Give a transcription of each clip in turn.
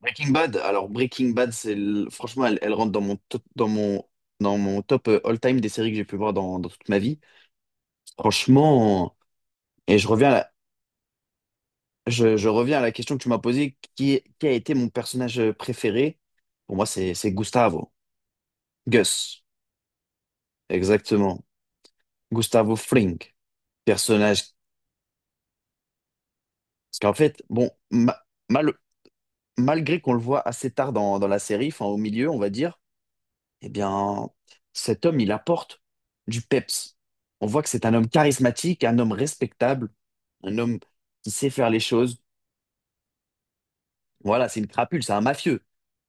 Breaking Bad, alors Breaking Bad, franchement, elle rentre dans mon top, dans mon top all-time des séries que j'ai pu voir dans toute ma vie. Franchement, et je reviens je reviens à la question que tu m'as posée, qui a été mon personnage préféré? Pour moi, c'est Gustavo. Gus, exactement. Gustavo Fring. Personnage. Parce qu'en fait, bon, mal- malgré qu'on le voit assez tard dans la série, enfin au milieu, on va dire. Eh bien, cet homme, il apporte du peps. On voit que c'est un homme charismatique, un homme respectable, un homme qui sait faire les choses. Voilà, c'est une crapule, c'est un mafieux.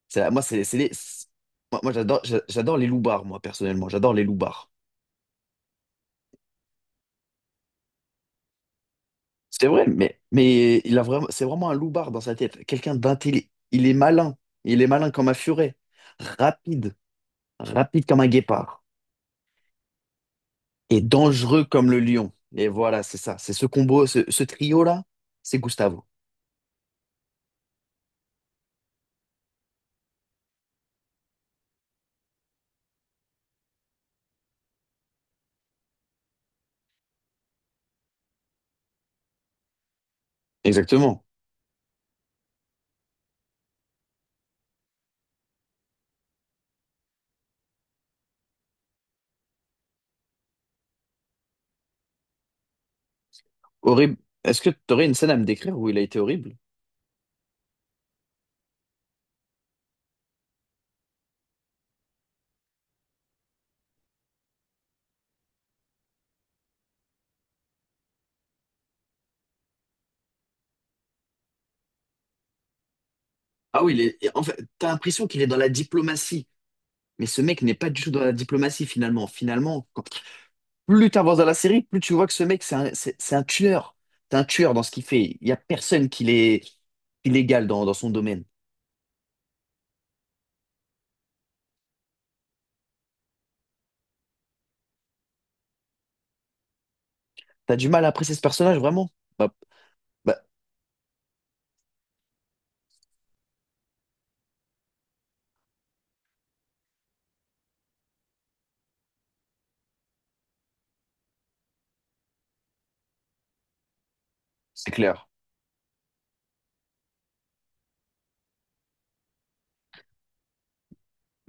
Moi, moi, j'adore les loupards, moi, personnellement. J'adore les loupards. C'est vrai, mais il a vraiment, c'est vraiment un loupard dans sa tête. Quelqu'un d'intelligent. Il est malin. Il est malin comme un furet. Rapide. Rapide comme un guépard. Et dangereux comme le lion. Et voilà, c'est ça. C'est ce combo, ce trio-là, c'est Gustavo. Exactement. Horrible. Est-ce que tu aurais une scène à me décrire où il a été horrible? Ah oui, en fait, t'as l'impression qu'il est dans la diplomatie, mais ce mec n'est pas du tout dans la diplomatie finalement. Plus t'avances dans la série, plus tu vois que ce mec, c'est un tueur. C'est un tueur dans ce qu'il fait. Il n'y a personne qui l'est illégal dans son domaine. T'as du mal à apprécier ce personnage, vraiment? Bah, bah, c'est clair.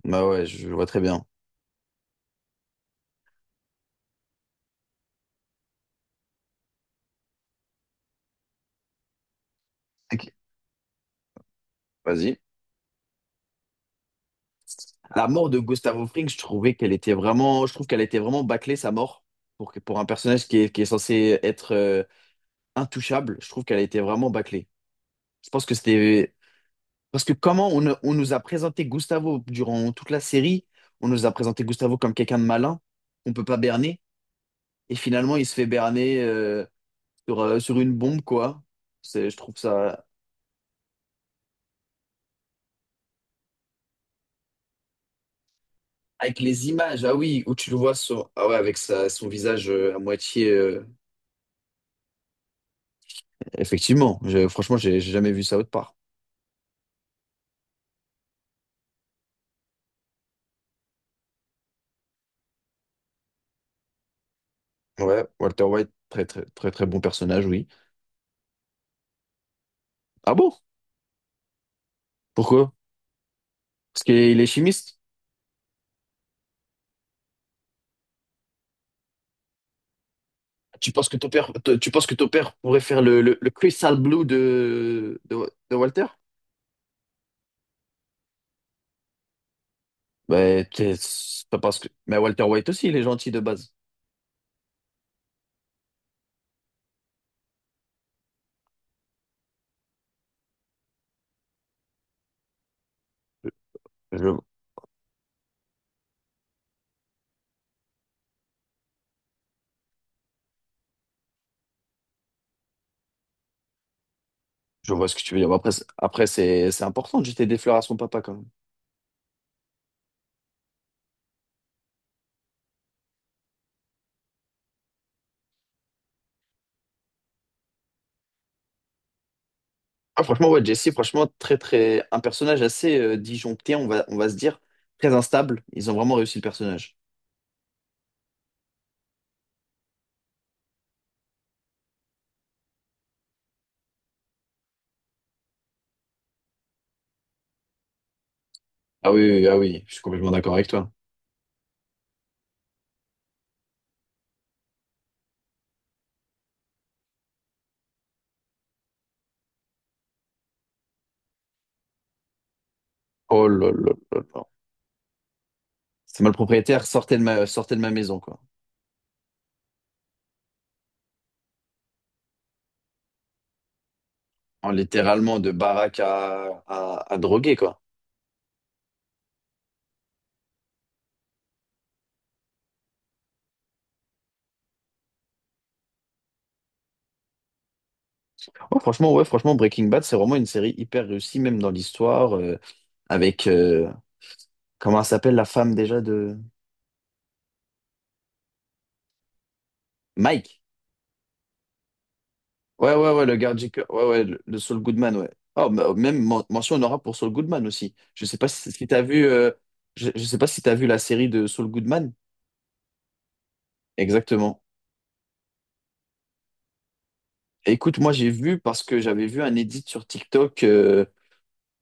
Bah ouais, je vois très bien. Ok. Vas-y. La mort de Gustavo Fring, je trouve qu'elle était vraiment bâclée, sa mort, pour un personnage qui est censé être intouchable, je trouve qu'elle a été vraiment bâclée. Je pense que c'était... Parce que on nous a présenté Gustavo durant toute la série, on nous a présenté Gustavo comme quelqu'un de malin, on peut pas berner, et finalement il se fait berner sur une bombe, quoi. C'est, je trouve ça... Avec les images, ah oui, où tu le vois sur... ah ouais, avec son visage à moitié... Effectivement, franchement, j'ai jamais vu ça autre part. Ouais, Walter White, très très très très bon personnage, oui. Ah bon? Pourquoi? Parce qu'il est chimiste? Tu penses que ton père, tu penses que ton père pourrait faire le Crystal Blue de Walter? Ben, c'est pas parce que. Mais Walter White aussi, il est gentil de base. Je, je vois ce que tu veux dire. Bon, après, après c'est important de jeter des fleurs à son papa quand même. Ah, franchement, ouais, Jesse, franchement, très très un personnage assez disjoncté, on va se dire, très instable. Ils ont vraiment réussi le personnage. Ah oui, oui, ah oui, je suis complètement d'accord avec toi. Oh là là là là. C'est moi le propriétaire, sortez de ma maison, quoi. En littéralement de baraque à droguer, quoi. Oh, franchement, ouais, franchement, Breaking Bad, c'est vraiment une série hyper réussie, même dans l'histoire, avec, euh, comment elle s'appelle la femme déjà de... Mike. Ouais, ouais, ouais, le gardien. Ouais, ouais, le Saul Goodman, ouais. Oh, bah, même mention honorable pour Saul Goodman aussi. Je sais pas si t'as vu, je sais pas si t'as vu la série de Saul Goodman. Exactement. Écoute, moi j'ai vu parce que j'avais vu un edit sur TikTok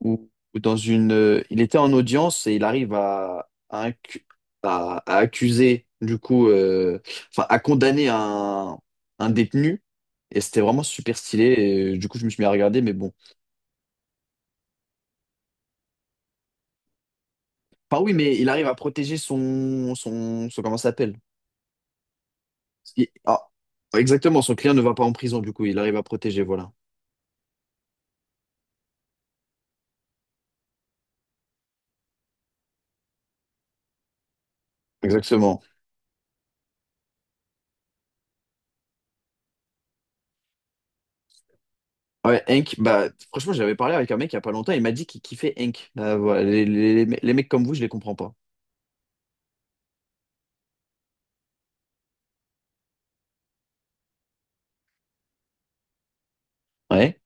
où dans il était en audience et il arrive à accuser du coup, enfin à condamner un détenu et c'était vraiment super stylé. Et, du coup, je me suis mis à regarder, mais bon. Enfin oui, mais il arrive à protéger son comment ça s'appelle? Ah, exactement, son client ne va pas en prison du coup, il arrive à protéger, voilà. Exactement. Ouais, Hank, bah, franchement, j'avais parlé avec un mec il y a pas longtemps, il m'a dit qu'il kiffait Hank. Bah, voilà, les mecs comme vous, je les comprends pas. Ouais?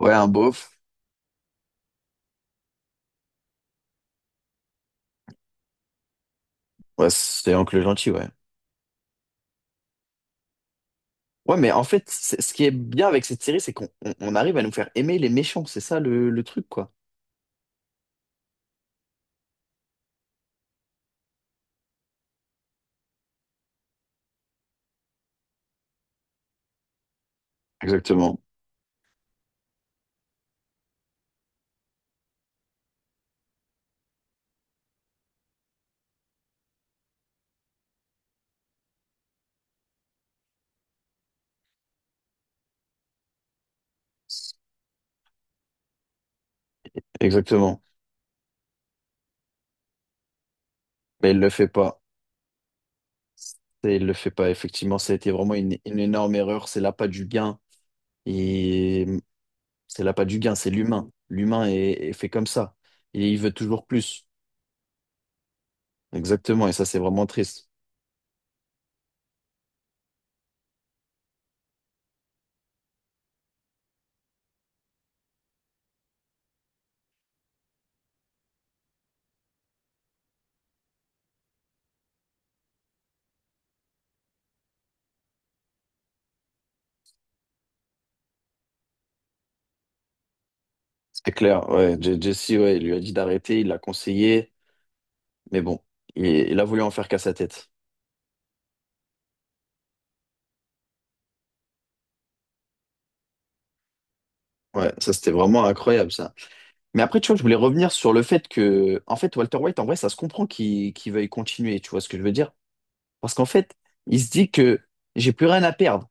Ouais, un beauf. Ouais, c'est Hank le gentil, ouais. Ouais, mais en fait, ce qui est bien avec cette série, c'est on arrive à nous faire aimer les méchants, c'est ça le truc, quoi. Exactement, exactement. Mais il le fait pas. Et il le fait pas, effectivement, ça a été vraiment une énorme erreur, c'est l'appât du gain. Et c'est l'appât du gain, c'est l'humain. L'humain est fait comme ça. Et il veut toujours plus. Exactement, et ça, c'est vraiment triste. C'est clair, ouais. Jesse, ouais, il lui a dit d'arrêter, il l'a conseillé, mais bon, il a voulu en faire qu'à sa tête. Ouais, ça c'était vraiment incroyable ça. Mais après, tu vois, je voulais revenir sur le fait que, en fait, Walter White, en vrai, ça se comprend qu'il veuille continuer, tu vois ce que je veux dire? Parce qu'en fait, il se dit que j'ai plus rien à perdre.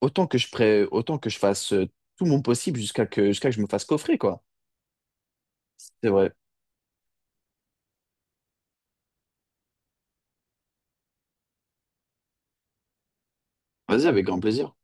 Autant que je fasse tout mon possible jusqu'à que je me fasse coffrer, quoi. C'est vrai. Vas-y, avec grand plaisir.